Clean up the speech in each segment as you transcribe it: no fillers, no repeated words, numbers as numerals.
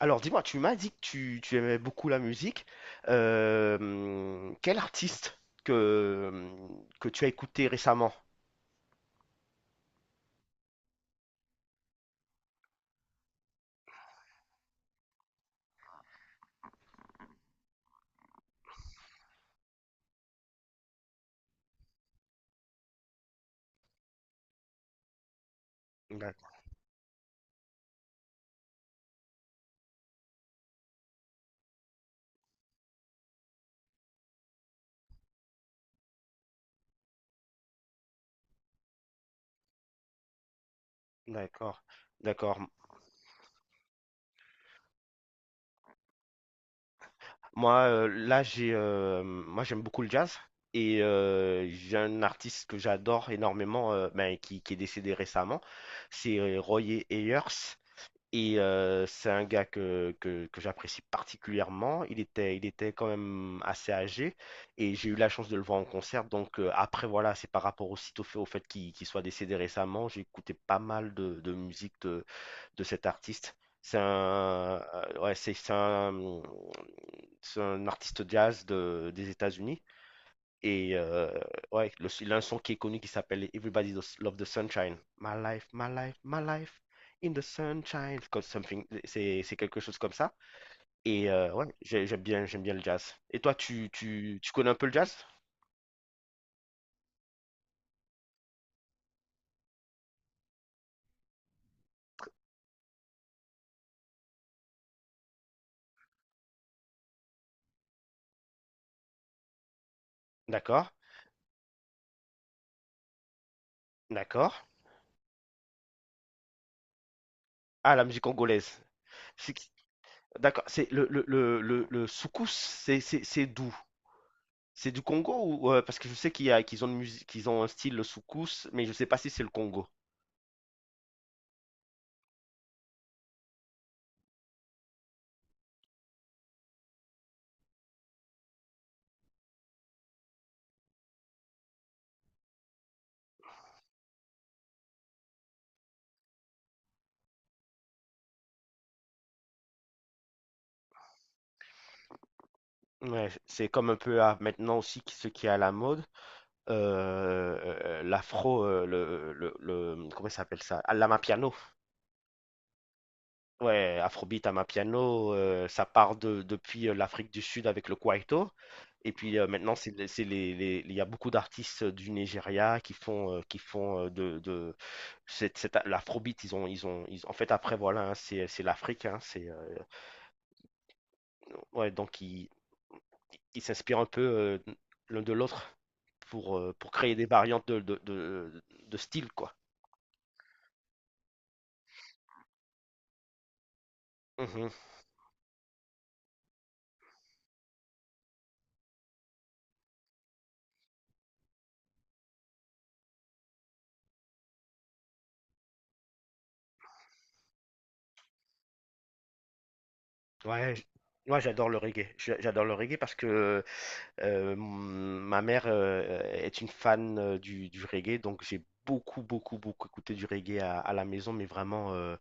Alors dis-moi, tu m'as dit que tu aimais beaucoup la musique. Quel artiste que tu as écouté récemment? D'ac- D'accord, d'accord. Moi, là, j'aime beaucoup le jazz et j'ai un artiste que j'adore énormément, qui est décédé récemment, c'est Roy Ayers. Et c'est un gars que j'apprécie particulièrement. Il était quand même assez âgé et j'ai eu la chance de le voir en concert. Donc après, voilà, c'est par rapport aussi au fait qu'il soit décédé récemment. J'ai écouté pas mal de musique de cet artiste. C'est un, ouais, c'est un, C'est un artiste jazz des États-Unis. Et ouais, il a un son qui est connu qui s'appelle Everybody Does Love the Sunshine. My life, my life, my life in the sunshine. Comme something, c'est quelque chose comme ça. Et ouais, j'aime bien le jazz. Et toi, tu connais un peu le jazz? D'accord, d'accord. Ah, la musique congolaise. C'est d'accord, c'est le soukous, c'est d'où? C'est du Congo ou parce que je sais qu'il y a qu'ils ont une musique, qu'ils ont un style le soukous, mais je sais pas si c'est le Congo. Ouais, c'est comme un peu à maintenant aussi ce qui est à la mode. L'afro, comment ça s'appelle ça? Ah, l'amapiano. Ouais, Afrobeat, Amapiano, ça part depuis l'Afrique du Sud avec le Kwaito. Et puis maintenant, il y a beaucoup d'artistes du Nigeria qui font de l'Afrobeat. En fait, après, voilà, hein, c'est l'Afrique. Hein, ouais, donc, ils s'inspirent un peu l'un de l'autre pour créer des variantes de style, quoi. Ouais, j- Moi j'adore le reggae. J'adore le reggae parce que euh, mon- ma mère est une fan du reggae, donc j'ai beaucoup, beaucoup, beaucoup écouté du reggae à la maison, mais vraiment euh,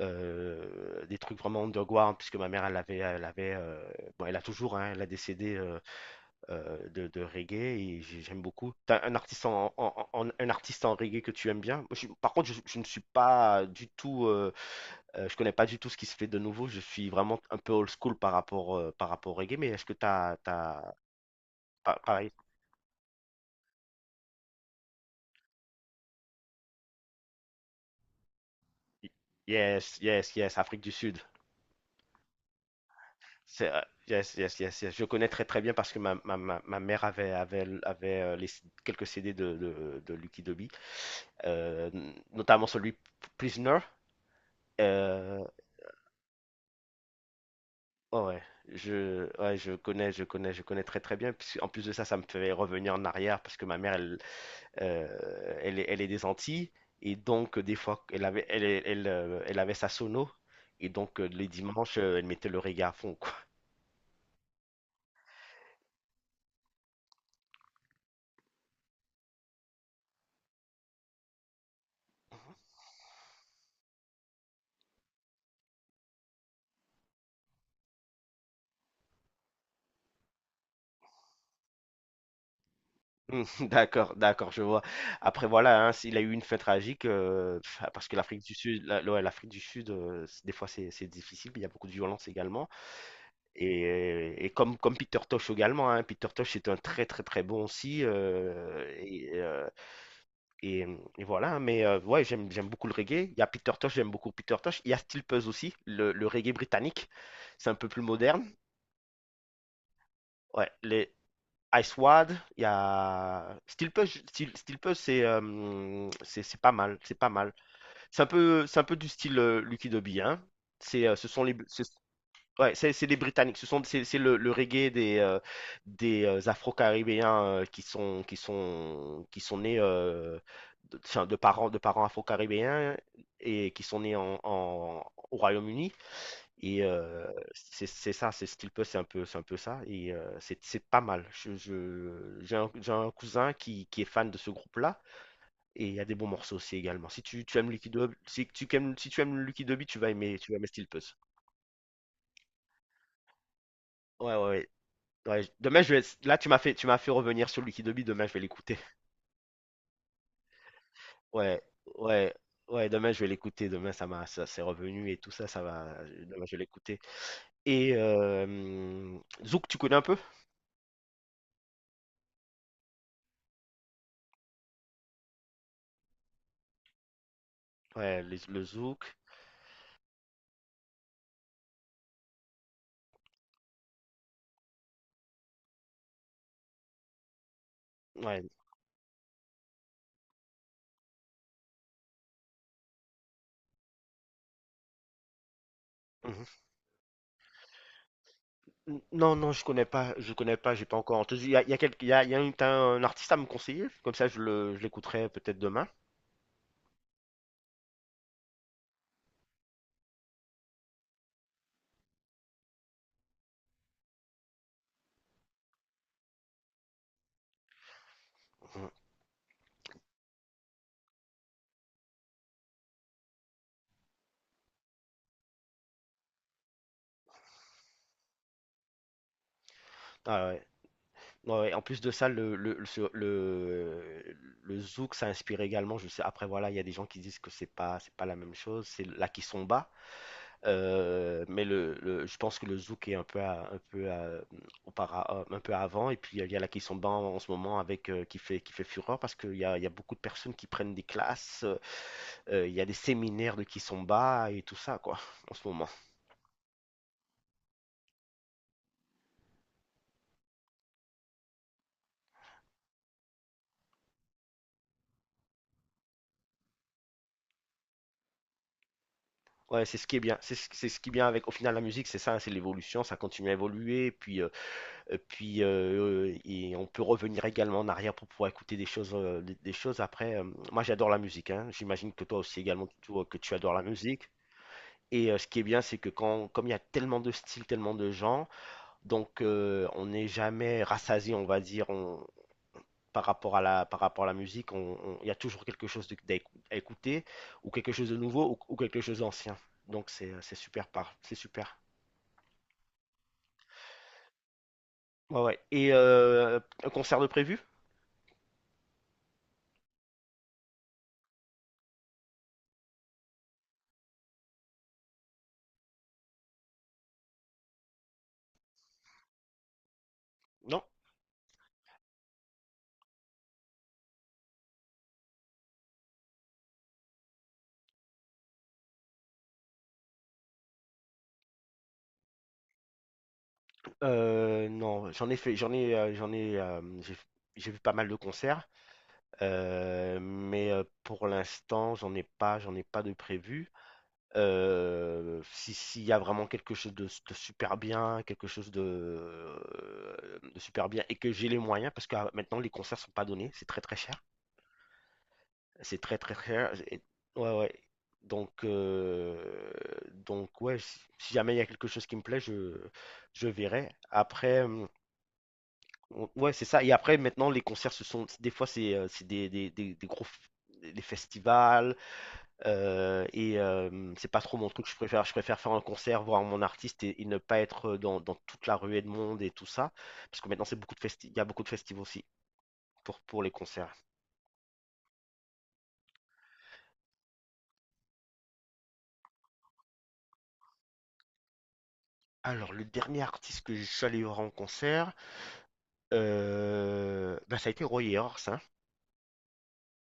euh, des trucs vraiment underground, puisque ma mère elle avait, bon, elle a toujours, hein, elle a décédé de reggae et j'aime beaucoup. T'as un artiste un artiste en reggae que tu aimes bien? Par contre, je ne suis pas du tout je connais pas du tout ce qui se fait de nouveau. Je suis vraiment un peu old school par rapport au reggae, mais est-ce que t'as, pareil, yes, yes, yes, Afrique du Sud. C'est, euh, yes, yes, yes, yes. Je connais très très bien parce que ma mère avait les, quelques CD de Lucky Dube, euh, notamment celui Prisoner. Euh, oh ouais, ouais, je connais très très bien. Puis en plus de ça, ça me fait revenir en arrière parce que ma mère, elle, Euh, elle est des Antilles et donc des fois elle avait, elle, elle, elle, elle avait sa sono et donc les dimanches elle mettait le reggae à fond quoi. D'accord, d'accord, je vois. Après voilà, hein, il a eu une fin tragique pff, parce que l'Afrique du Sud, la- ouais, l'Afrique du Sud, des fois c'est difficile, il y a beaucoup de violence également. Et comme, comme Peter Tosh également, hein, Peter Tosh est un très très très bon aussi. Voilà, hein, mais ouais, j'aime beaucoup le reggae. Il y a Peter Tosh, j'aime beaucoup Peter Tosh. Il y a Steel Pulse aussi, le reggae britannique. C'est un peu plus moderne. Ouais, les Ice Wad, il y a Steel Pulse, Steel Pulse, c'est pas mal, c'est pas mal. C'est un peu du style Lucky Dubby, hein. C'est, ce sont les, ce- Ouais, c'est les Britanniques. Ce sont c'est le reggae des Afro-Caribéens qui sont nés de parents Afro-Caribéens et qui sont nés au Royaume-Uni. Et c'est ça, c'est un peu ça. Et c'est pas mal. J'ai j'ai un cousin qui est fan de ce groupe-là et il y a des bons morceaux aussi également. Si tu aimes Lucky Dube, si tu aimes Lucky Dube, tu vas aimer Steel Puss. Ouais, ouais, ouais. Demain je vais. Là tu m'as fait revenir sur Lucky Dobby. Demain je vais l'écouter. Ouais, ouais, ouais. Demain je vais l'écouter. Ça c'est revenu et tout ça, ça va. Demain je vais l'écouter. Et Zouk, tu connais un peu? Le Zouk. Ouais. Mhm. Non, non, je connais pas. Je connais pas. J'ai pas encore entendu. Il y a, quelques- il y a- Il y a un, t'as un artiste à me conseiller. Comme ça je l'écouterai peut-être demain. Mhm. Ah ouais. Ouais, en plus de ça, le zouk, ça inspire également. Je sais, après, voilà, il y a des gens qui disent que c'est pas la même chose, c'est la kizomba. Je pense que le zouk est un peu, un peu avant. Et puis, il y a la kizomba en ce moment avec, qui fait fureur parce qu'il y a, il y a beaucoup de personnes qui prennent des classes. Il y a des séminaires de kizomba et tout ça, quoi, en ce moment. Ouais, c'est ce qui est bien. C'est ce qui est bien avec, au final, la musique, c'est ça, hein, c'est l'évolution, ça continue à évoluer. Et puis, et on peut revenir également en arrière pour pouvoir écouter des choses, des choses après. Moi, j'adore la musique, hein. J'imagine que toi aussi également, que tu adores la musique. Et ce qui est bien, c'est que quand, comme il y a tellement de styles, tellement de genres, donc on n'est jamais rassasié, on va dire, par rapport à la musique, il y a toujours quelque chose à écouter, ou quelque chose de nouveau, ou quelque chose d'ancien. Donc c'est super. Ouais, ouais. Et un concert de prévu? Non? Non, j'en ai fait j'en ai, hem, j'ai vu pas mal de concerts, pour l'instant, j'en ai pas de prévu. Si s'il y a vraiment quelque chose de super bien, quelque chose de super bien et que j'ai les moyens parce que à maintenant les concerts sont pas donnés, c'est très, très cher. C'est très, très cher et ouais, ouais. Donc, heu, donc ouais, si jamais il y a quelque chose qui me plaît, je verrai. Après, Ouais, c'est ça. Et après, maintenant, les concerts, ce sont des fois, c'est des gros des festivals c'est pas trop mon truc. Je préfère faire un concert, voir mon artiste et ne pas être dans toute la ruée de monde et tout ça. Parce que maintenant, c'est beaucoup de festi- il y a beaucoup de festivals aussi pour les concerts. Alors, le dernier artiste que je suis allé voir en concert, ben, ça a été Roy Ayers, hein.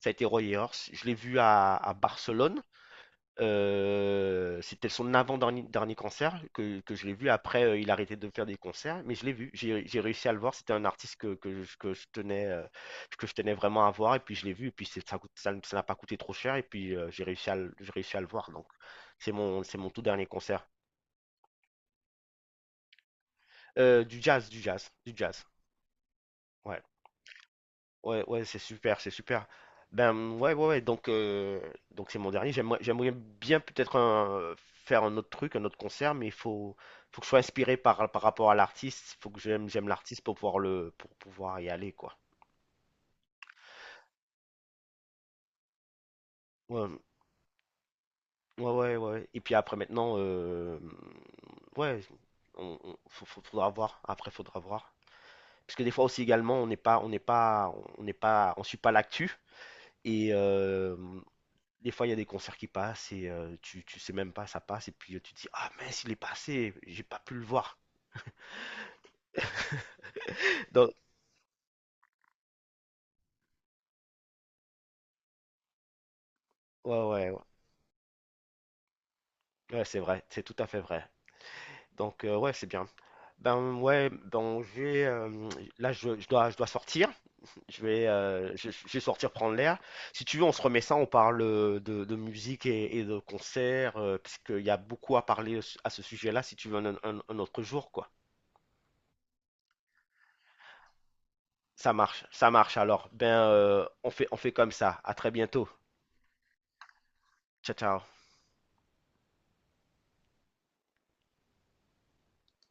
Ça a été Roy Ayers. Je l'ai vu à Barcelone. C'était son avant-dernier dernier concert que je l'ai vu. Après, il a arrêté de faire des concerts, mais je l'ai vu. J'ai réussi à le voir. C'était un artiste que je tenais vraiment à voir. Et puis, je l'ai vu. Et puis, c'est- ça coûte- ça ça n'a pas coûté trop cher. Et puis, j'ai réussi à le voir. Donc, c'est mon tout dernier concert. Du jazz, du jazz, du jazz. Ouais. Ouais, ouais, c'est super, c'est super. Ben ouais, ouais, ouais. Donc c'est mon dernier. J'aimerais bien peut-être faire un autre truc, un autre concert, mais faut que je sois inspiré par, par rapport à l'artiste. Il faut que j'aime l'artiste pour pouvoir pour pouvoir y aller, quoi. Ouais, ouais, ouais, ouais. Et puis après maintenant, ouais, faudra voir. Après, faudra voir. Parce que des fois aussi également, on n'est pas, on suit pas l'actu. Et des fois, il y a des concerts qui passent et tu sais même pas ça passe et puis, tu te dis: «Ah mince, il est passé, j'ai pas pu le voir». Donc ouais, ouais, ouais, ouais, c'est vrai, c'est tout à fait vrai. Donc ouais, c'est bien. Ben, ouais, donc là, je dois sortir. Je vais, je vais sortir prendre l'air. Si tu veux, on se remet ça, on parle, de musique et de concerts, parce qu'il y a beaucoup à parler à ce sujet-là, si tu veux, un autre jour, quoi. Ça marche alors. Ben, on fait comme ça. À très bientôt. Ciao, ciao.